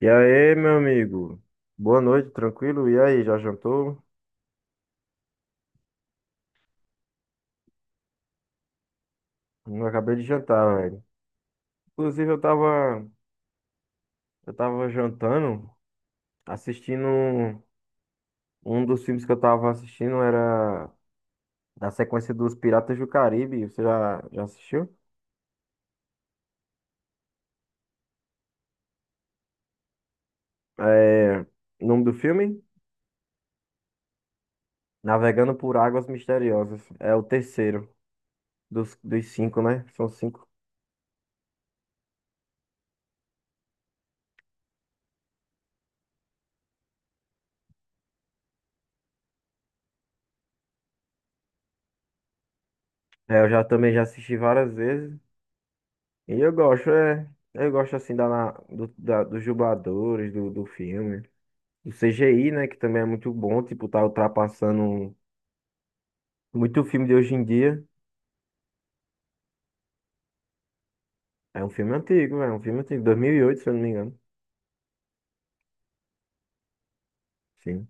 E aí, meu amigo? Boa noite, tranquilo? E aí, já jantou? Não, acabei de jantar, velho. Inclusive, eu tava jantando, assistindo. Um dos filmes que eu tava assistindo era da sequência dos Piratas do Caribe. Você já assistiu? É, o nome do filme? Navegando por Águas Misteriosas. É o terceiro dos cinco, né? São cinco. É, eu já também já assisti várias vezes. E eu gosto, é. Eu gosto assim da, na- do- da- dos dubladores do filme. Do CGI, né? Que também é muito bom. Tipo, tá ultrapassando muito filme de hoje em dia. É um filme antigo, é um filme antigo. 2008, se eu não me engano. Sim.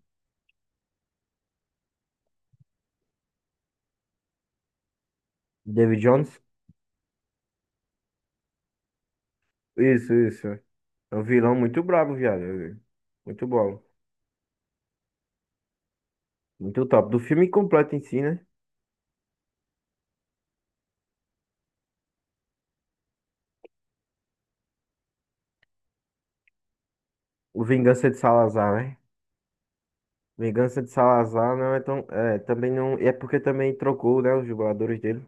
David Jones? Isso, isso. É um vilão muito brabo, viado. Muito bom. Muito top. Do filme completo em si, né? O Vingança de Salazar, né? Vingança de Salazar não é tão. É, também não. É porque também trocou, né? Os dubladores dele.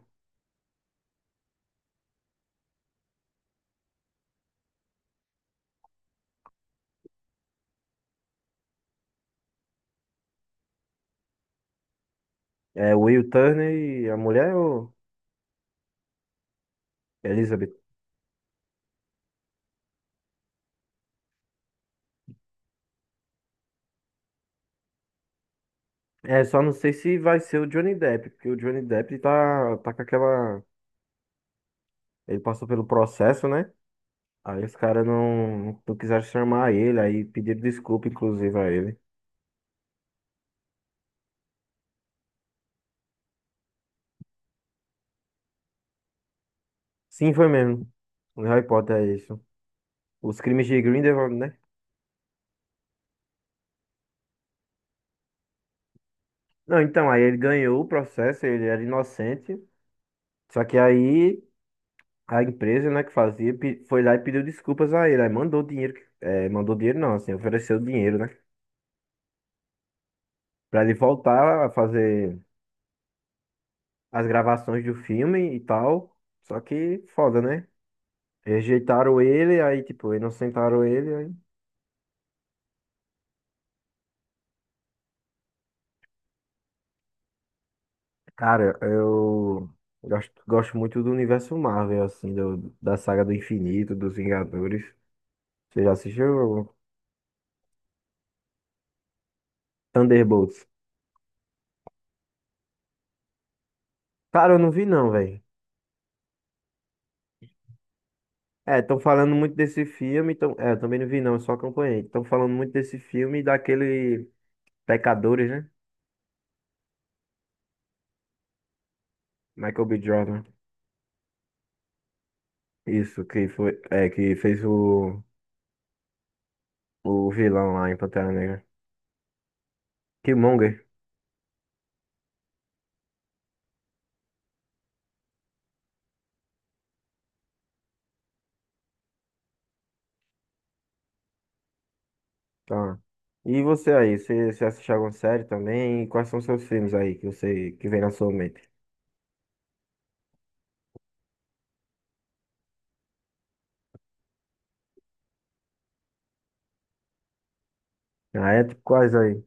É o Will Turner e a mulher, ou Elizabeth? É, só não sei se vai ser o Johnny Depp, porque o Johnny Depp tá, tá com aquela. Ele passou pelo processo, né? Aí os caras não quiseram chamar ele, aí pediram desculpa, inclusive, a ele. Sim, foi mesmo. O Harry Potter é isso. Os crimes de Grindelwald, né? Não, então, aí ele ganhou o processo, ele era inocente. Só que aí a empresa, né, que fazia, pe- foi lá e pediu desculpas a ele. Aí mandou dinheiro, que- é, mandou dinheiro não, assim, ofereceu dinheiro, né? Pra ele voltar a fazer as gravações do filme e tal. Só que foda, né? Rejeitaram ele, aí, tipo, inocentaram ele. Aí... Cara, eu gosto, gosto muito do universo Marvel, assim, do- da saga do infinito, dos Vingadores. Você já assistiu Thunderbolts? Cara, eu não vi não, velho. É, estão falando muito desse filme, tão... é, eu também não vi não, eu só acompanhei. Estão falando muito desse filme e daquele Pecadores, né? Michael B. Jordan. Isso, que foi, é, que fez o. O vilão lá em Pantera Negra. Killmonger. Tá. E você aí, você assiste alguma série também? E quais são seus filmes aí que você que vem na sua mente? Ah, é? Tipo, quais aí?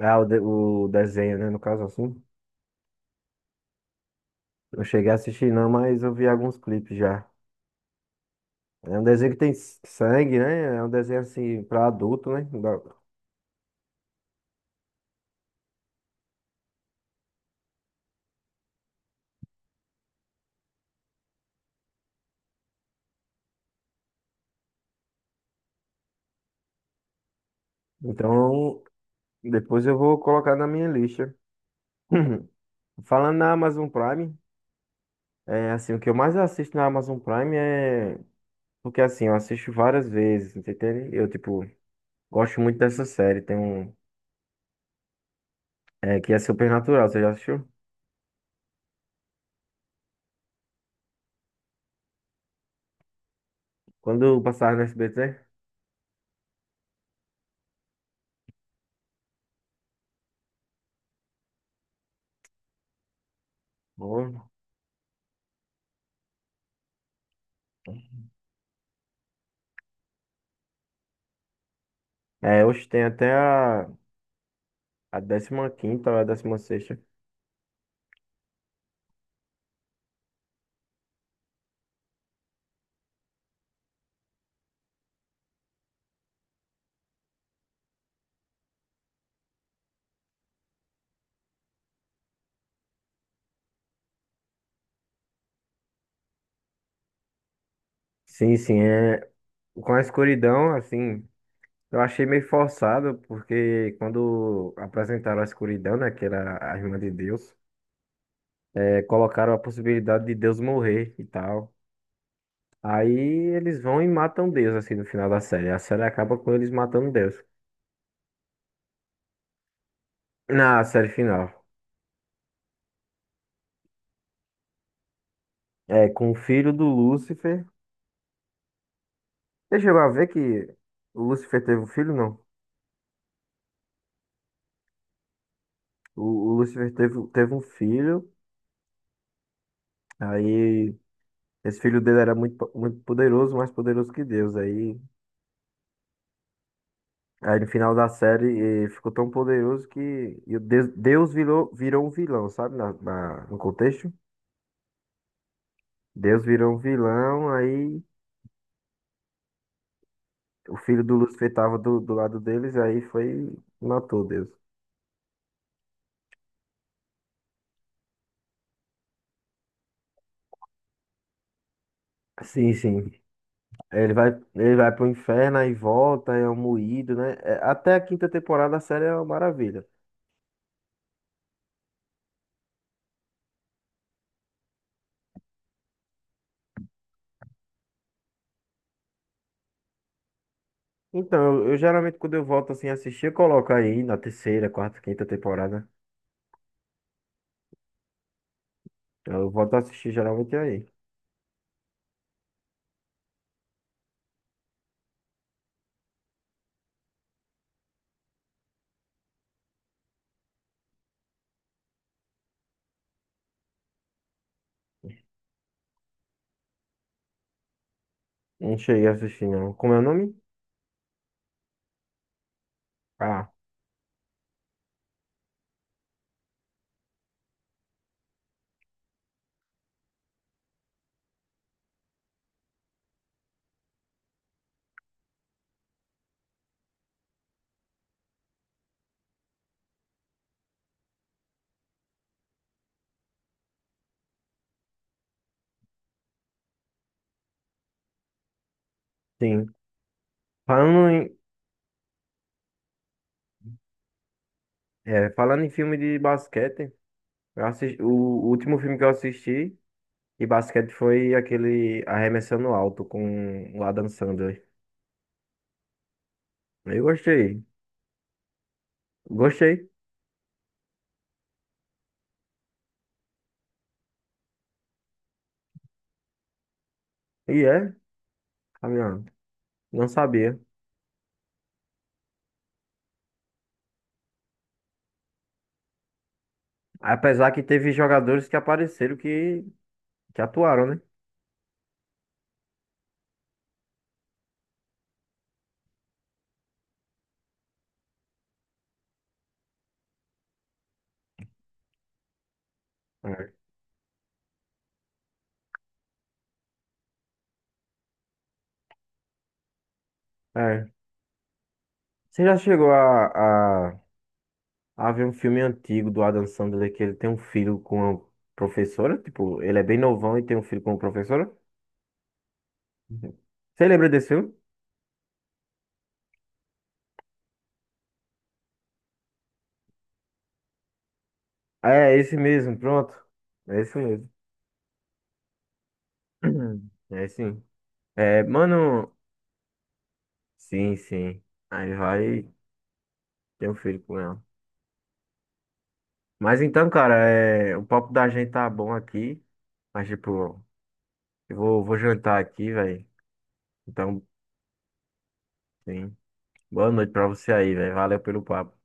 Ah, o, de- o desenho, né? No caso assim. Não cheguei a assistir não, mas eu vi alguns clipes já. É um desenho que tem s- sangue, né? É um desenho assim pra adulto, né? Da- Então, depois eu vou colocar na minha lista. Falando na Amazon Prime, é assim, o que eu mais assisto na Amazon Prime é. Porque assim, eu assisto várias vezes, entendeu? Eu, tipo, gosto muito dessa série. Tem um. É, que é Supernatural, você já assistiu? Quando eu passava no SBT? Bom. É, hoje tem até a 15ª ou a 16ª. Sim, sim, é. Com a escuridão, assim, eu achei meio forçado, porque quando apresentaram a escuridão, né, que era a irmã de Deus, é, colocaram a possibilidade de Deus morrer e tal. Aí eles vão e matam Deus, assim, no final da série. A série acaba com eles matando Deus. Na série final. É, com o filho do Lúcifer. Você chegou a ver que o Lúcifer teve um filho? Não. O Lúcifer teve, teve um filho. Aí esse filho dele era muito, po- muito poderoso, mais poderoso que Deus. Aí, aí no final da série ele ficou tão poderoso que, e o Deus, Deus virou, virou um vilão, sabe? Na, na- no contexto. Deus virou um vilão, aí o filho do Lúcifer tava do lado deles, aí foi e matou Deus. Sim, sim. Ele vai, ele vai pro inferno aí volta, é um moído, né? É, até a quinta temporada a série é uma maravilha. Então, eu geralmente quando eu volto assim a assistir, eu coloco aí na terceira, quarta, quinta temporada. Eu volto a assistir geralmente aí. Não cheguei a assistir, não. Como é o nome? Ah, sim. Falando em, é, falando em filme de basquete, eu assisti, o último filme que eu assisti de basquete foi aquele Arremessando Alto com o Adam Sandler. Eu gostei. Gostei. E é, Fabiano. Não sabia. Apesar que teve jogadores que apareceram que atuaram, né? É. É. Você já chegou a ver um filme antigo do Adam Sandler que ele tem um filho com a professora? Tipo, ele é bem novão e tem um filho com a professora? Uhum. Você lembra desse filme? É, esse mesmo, pronto. É esse mesmo. É, sim. É, mano, sim, sim. Aí vai ter um filho com ela. Mas então, cara, é, o papo da gente tá bom aqui. Mas, tipo, eu vou, vou jantar aqui, velho. Então, sim. Boa noite pra você aí, velho. Valeu pelo papo.